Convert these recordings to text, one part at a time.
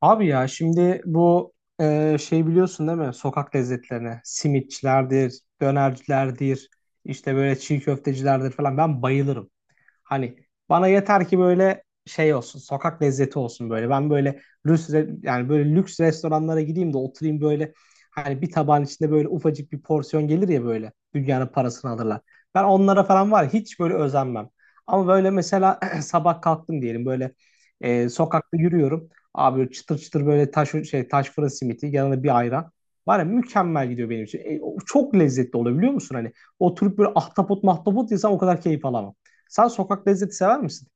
Abi ya şimdi bu şey biliyorsun değil mi? Sokak lezzetlerine simitçilerdir, dönercilerdir, işte böyle çiğ köftecilerdir falan ben bayılırım. Hani bana yeter ki böyle şey olsun, sokak lezzeti olsun böyle. Ben böyle yani böyle lüks restoranlara gideyim de oturayım böyle hani bir tabağın içinde böyle ufacık bir porsiyon gelir ya böyle dünyanın parasını alırlar. Ben onlara falan var ya, hiç böyle özenmem. Ama böyle mesela sabah kalktım diyelim böyle sokakta yürüyorum. Abi çıtır çıtır böyle taş fırın simiti yanına bir ayran. Var ya mükemmel gidiyor benim için. O çok lezzetli oluyor biliyor musun? Hani oturup böyle ahtapot mahtapot yesem o kadar keyif alamam. Sen sokak lezzeti sever misin?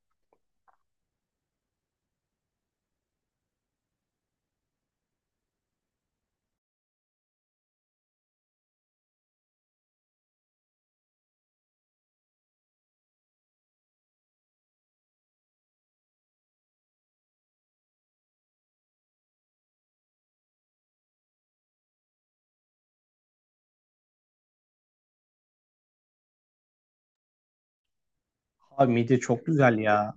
Abi midye çok güzel ya.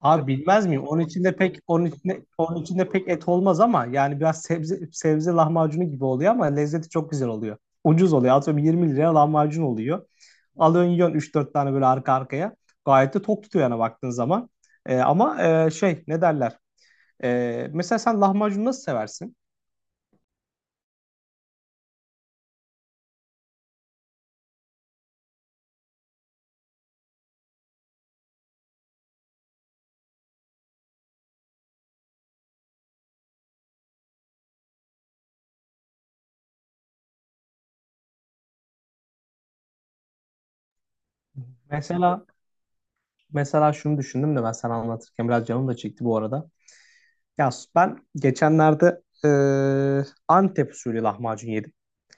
Abi bilmez miyim? Onun içinde pek et olmaz ama yani biraz sebze sebze lahmacunu gibi oluyor ama lezzeti çok güzel oluyor. Ucuz oluyor. Atıyorum 20 liraya lahmacun oluyor. Alıyorsun yiyorsun üç dört tane böyle arka arkaya. Gayet de tok tutuyor yani baktığın zaman. Ama şey ne derler? Mesela sen lahmacun nasıl seversin? Mesela mesela şunu düşündüm de ben sana anlatırken biraz canım da çekti bu arada. Ya ben geçenlerde Antep usulü lahmacun yedim.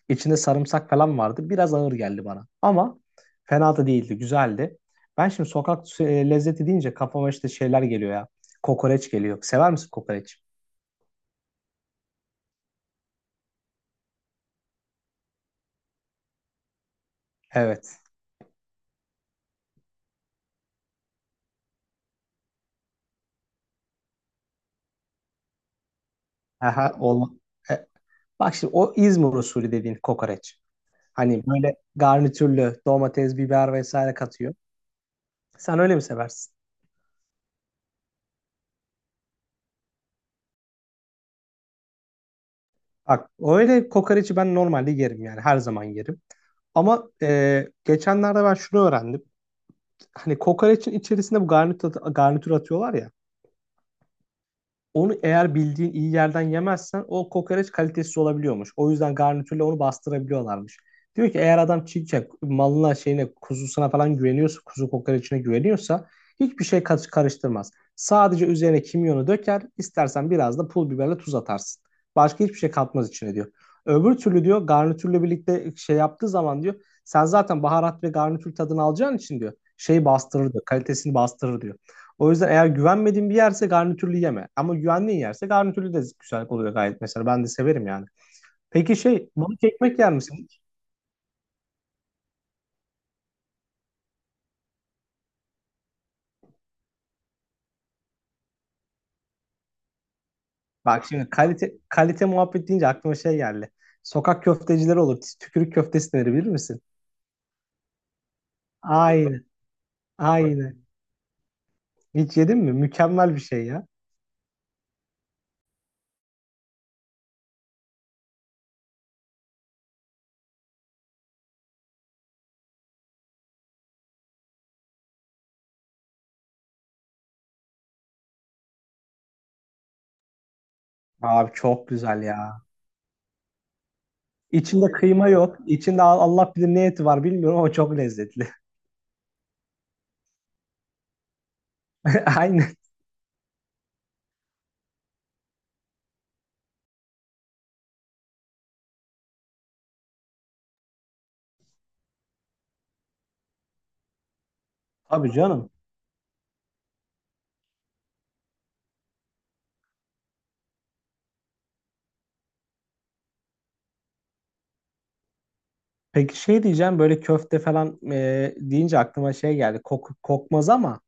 İçinde sarımsak falan vardı. Biraz ağır geldi bana. Ama fena da değildi. Güzeldi. Ben şimdi sokak lezzeti deyince kafama işte şeyler geliyor ya. Kokoreç geliyor. Sever misin kokoreç? Evet. Aha, olma. E, bak şimdi o İzmir usulü dediğin kokoreç. Hani böyle garnitürlü domates, biber vesaire katıyor. Sen öyle mi seversin? Bak öyle kokoreçi ben normalde yerim yani her zaman yerim. Ama geçenlerde ben şunu öğrendim. Hani kokoreçin içerisinde bu garnitür atıyorlar ya. Onu eğer bildiğin iyi yerden yemezsen o kokoreç kalitesiz olabiliyormuş. O yüzden garnitürle onu bastırabiliyorlarmış. Diyor ki eğer adam çiğ malına şeyine kuzusuna falan güveniyorsa kuzu kokoreçine güveniyorsa hiçbir şey karıştırmaz. Sadece üzerine kimyonu döker istersen biraz da pul biberle tuz atarsın. Başka hiçbir şey katmaz içine diyor. Öbür türlü diyor garnitürle birlikte şey yaptığı zaman diyor sen zaten baharat ve garnitür tadını alacağın için diyor şeyi bastırır diyor kalitesini bastırır diyor. O yüzden eğer güvenmediğin bir yerse garnitürlü yeme. Ama güvendiğin yerse garnitürlü de güzel oluyor gayet mesela. Ben de severim yani. Peki şey, balık ekmek yer misin? Bak şimdi kalite kalite muhabbet deyince aklıma şey geldi. Sokak köftecileri olur. Tükürük köftesi denir bilir misin? Aynen, aynen. Hiç yedin mi? Mükemmel bir şey ya. Abi çok güzel ya. İçinde kıyma yok. İçinde Allah bilir ne eti var bilmiyorum ama çok lezzetli. Aynen. Abi canım. Peki şey diyeceğim böyle köfte falan deyince aklıma şey geldi. Kokmaz ama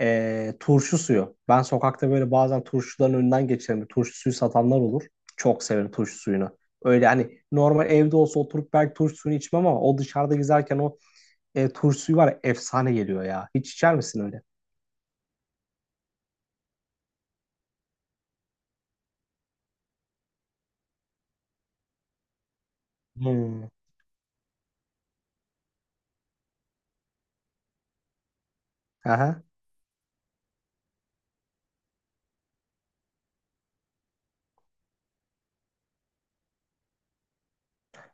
turşu suyu. Ben sokakta böyle bazen turşuların önünden geçerim. Turşu suyu satanlar olur. Çok severim turşu suyunu. Öyle hani normal evde olsa oturup belki turşu suyunu içmem ama o dışarıda gezerken o turşu suyu var ya, efsane geliyor ya. Hiç içer misin öyle? Hmm. Aha.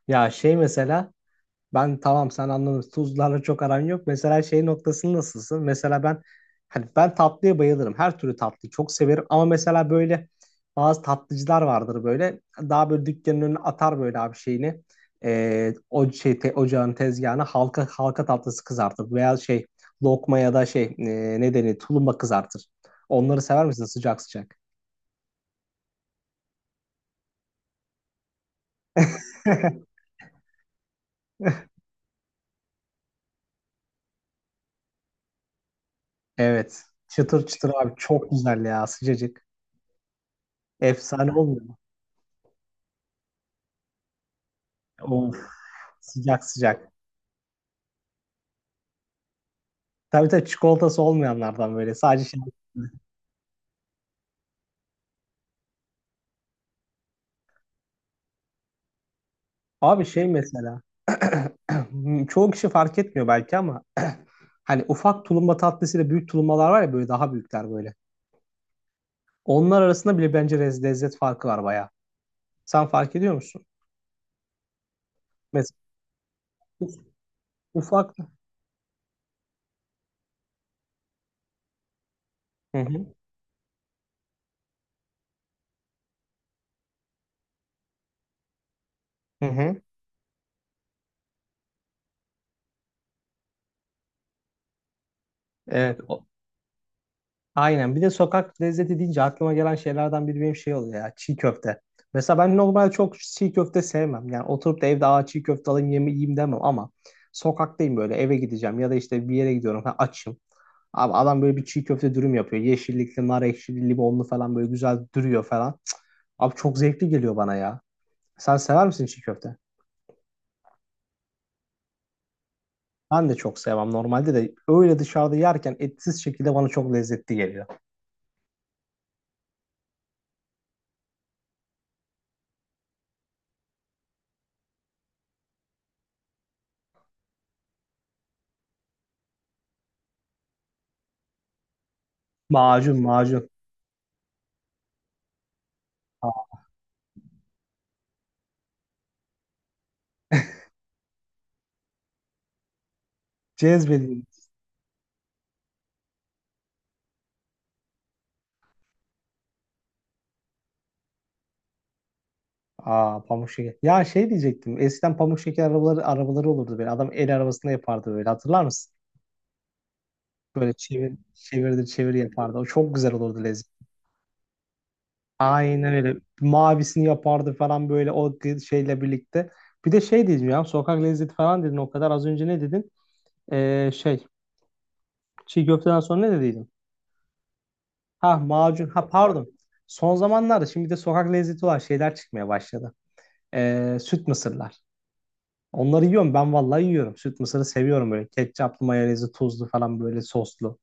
Ya şey mesela. Ben tamam sen anladın. Tuzlarla çok aran yok. Mesela şey noktası nasılsın? Mesela ben hani ben tatlıya bayılırım. Her türlü tatlıyı çok severim. Ama mesela böyle bazı tatlıcılar vardır böyle. Daha böyle dükkanın önüne atar böyle abi şeyini. O ocağın tezgahına halka halka tatlısı kızartır. Veya şey lokma ya da şey ne denir tulumba kızartır. Onları sever misin sıcak sıcak? Evet. Çıtır çıtır abi çok güzel ya sıcacık. Efsane olmuyor mu? Of sıcak sıcak. Tabii tabii çikolatası olmayanlardan böyle. Sadece şey. Abi şey mesela. Çoğu kişi fark etmiyor belki ama hani ufak tulumba tatlısıyla büyük tulumbalar var ya böyle daha büyükler böyle. Onlar arasında bile bence lezzet farkı var bayağı. Sen fark ediyor musun? Mesela uf- ufak. Hı hı. Hı hı. Evet. Aynen. Bir de sokak lezzeti deyince aklıma gelen şeylerden biri benim şey oluyor ya. Çiğ köfte. Mesela ben normal çok çiğ köfte sevmem. Yani oturup da evde Aa, çiğ köfte alayım yiyeyim demem ama sokaktayım böyle eve gideceğim ya da işte bir yere gidiyorum ha, açım. Abi adam böyle bir çiğ köfte dürüm yapıyor. Yeşillikli, nar ekşili, limonlu falan böyle güzel duruyor falan. Cık, abi çok zevkli geliyor bana ya. Sen sever misin çiğ köfte? Ben de çok sevmem normalde de öyle dışarıda yerken etsiz şekilde bana çok lezzetli geliyor. Macun macun. Cezbedici. Aa pamuk şeker. Ya şey diyecektim. Eskiden pamuk şeker arabaları olurdu böyle. Adam el arabasında yapardı böyle. Hatırlar mısın? Böyle çevir çevirdir çevir yapardı. O çok güzel olurdu lezzet. Aynen öyle. Mavisini yapardı falan böyle o şeyle birlikte. Bir de şey dedim ya. Sokak lezzeti falan dedin o kadar. Az önce ne dedin? Şey çiğ köfteden sonra ne dediydin? Ha macun. Ha pardon. Son zamanlarda şimdi bir de sokak lezzeti olan şeyler çıkmaya başladı. Süt mısırlar. Onları yiyorum. Ben vallahi yiyorum. Süt mısırı seviyorum böyle. Ketçaplı, mayonezli, tuzlu falan böyle soslu.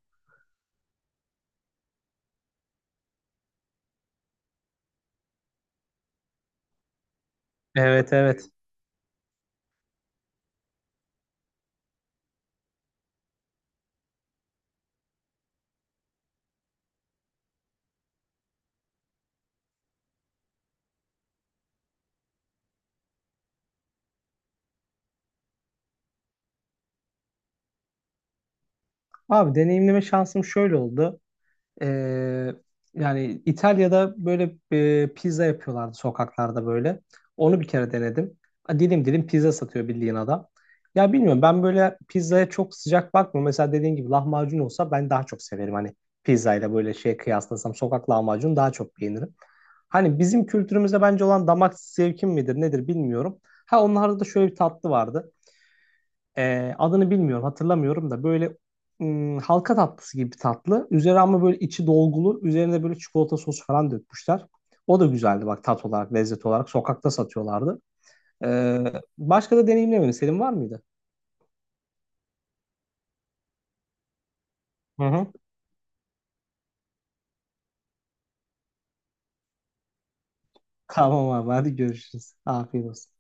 Evet evet. Abi deneyimleme şansım şöyle oldu. Ee, yani İtalya'da böyle pizza yapıyorlardı sokaklarda böyle. Onu bir kere denedim. A, dilim dilim pizza satıyor bildiğin adam. Ya bilmiyorum ben böyle pizzaya çok sıcak bakmıyorum. Mesela dediğin gibi lahmacun olsa ben daha çok severim. Hani pizzayla böyle şey kıyaslasam sokak lahmacun daha çok beğenirim. Hani bizim kültürümüzde bence olan damak zevkim midir nedir bilmiyorum. Ha onlarda da şöyle bir tatlı vardı. Adını bilmiyorum, hatırlamıyorum da böyle halka tatlısı gibi bir tatlı. Üzeri ama böyle içi dolgulu, üzerine böyle çikolata sosu falan dökmüşler. O da güzeldi bak tat olarak, lezzet olarak. Sokakta satıyorlardı. Başka da deneyimlemedim. Senin var mıydı? Hı hı. Tamam abi, hadi görüşürüz. Afiyet olsun.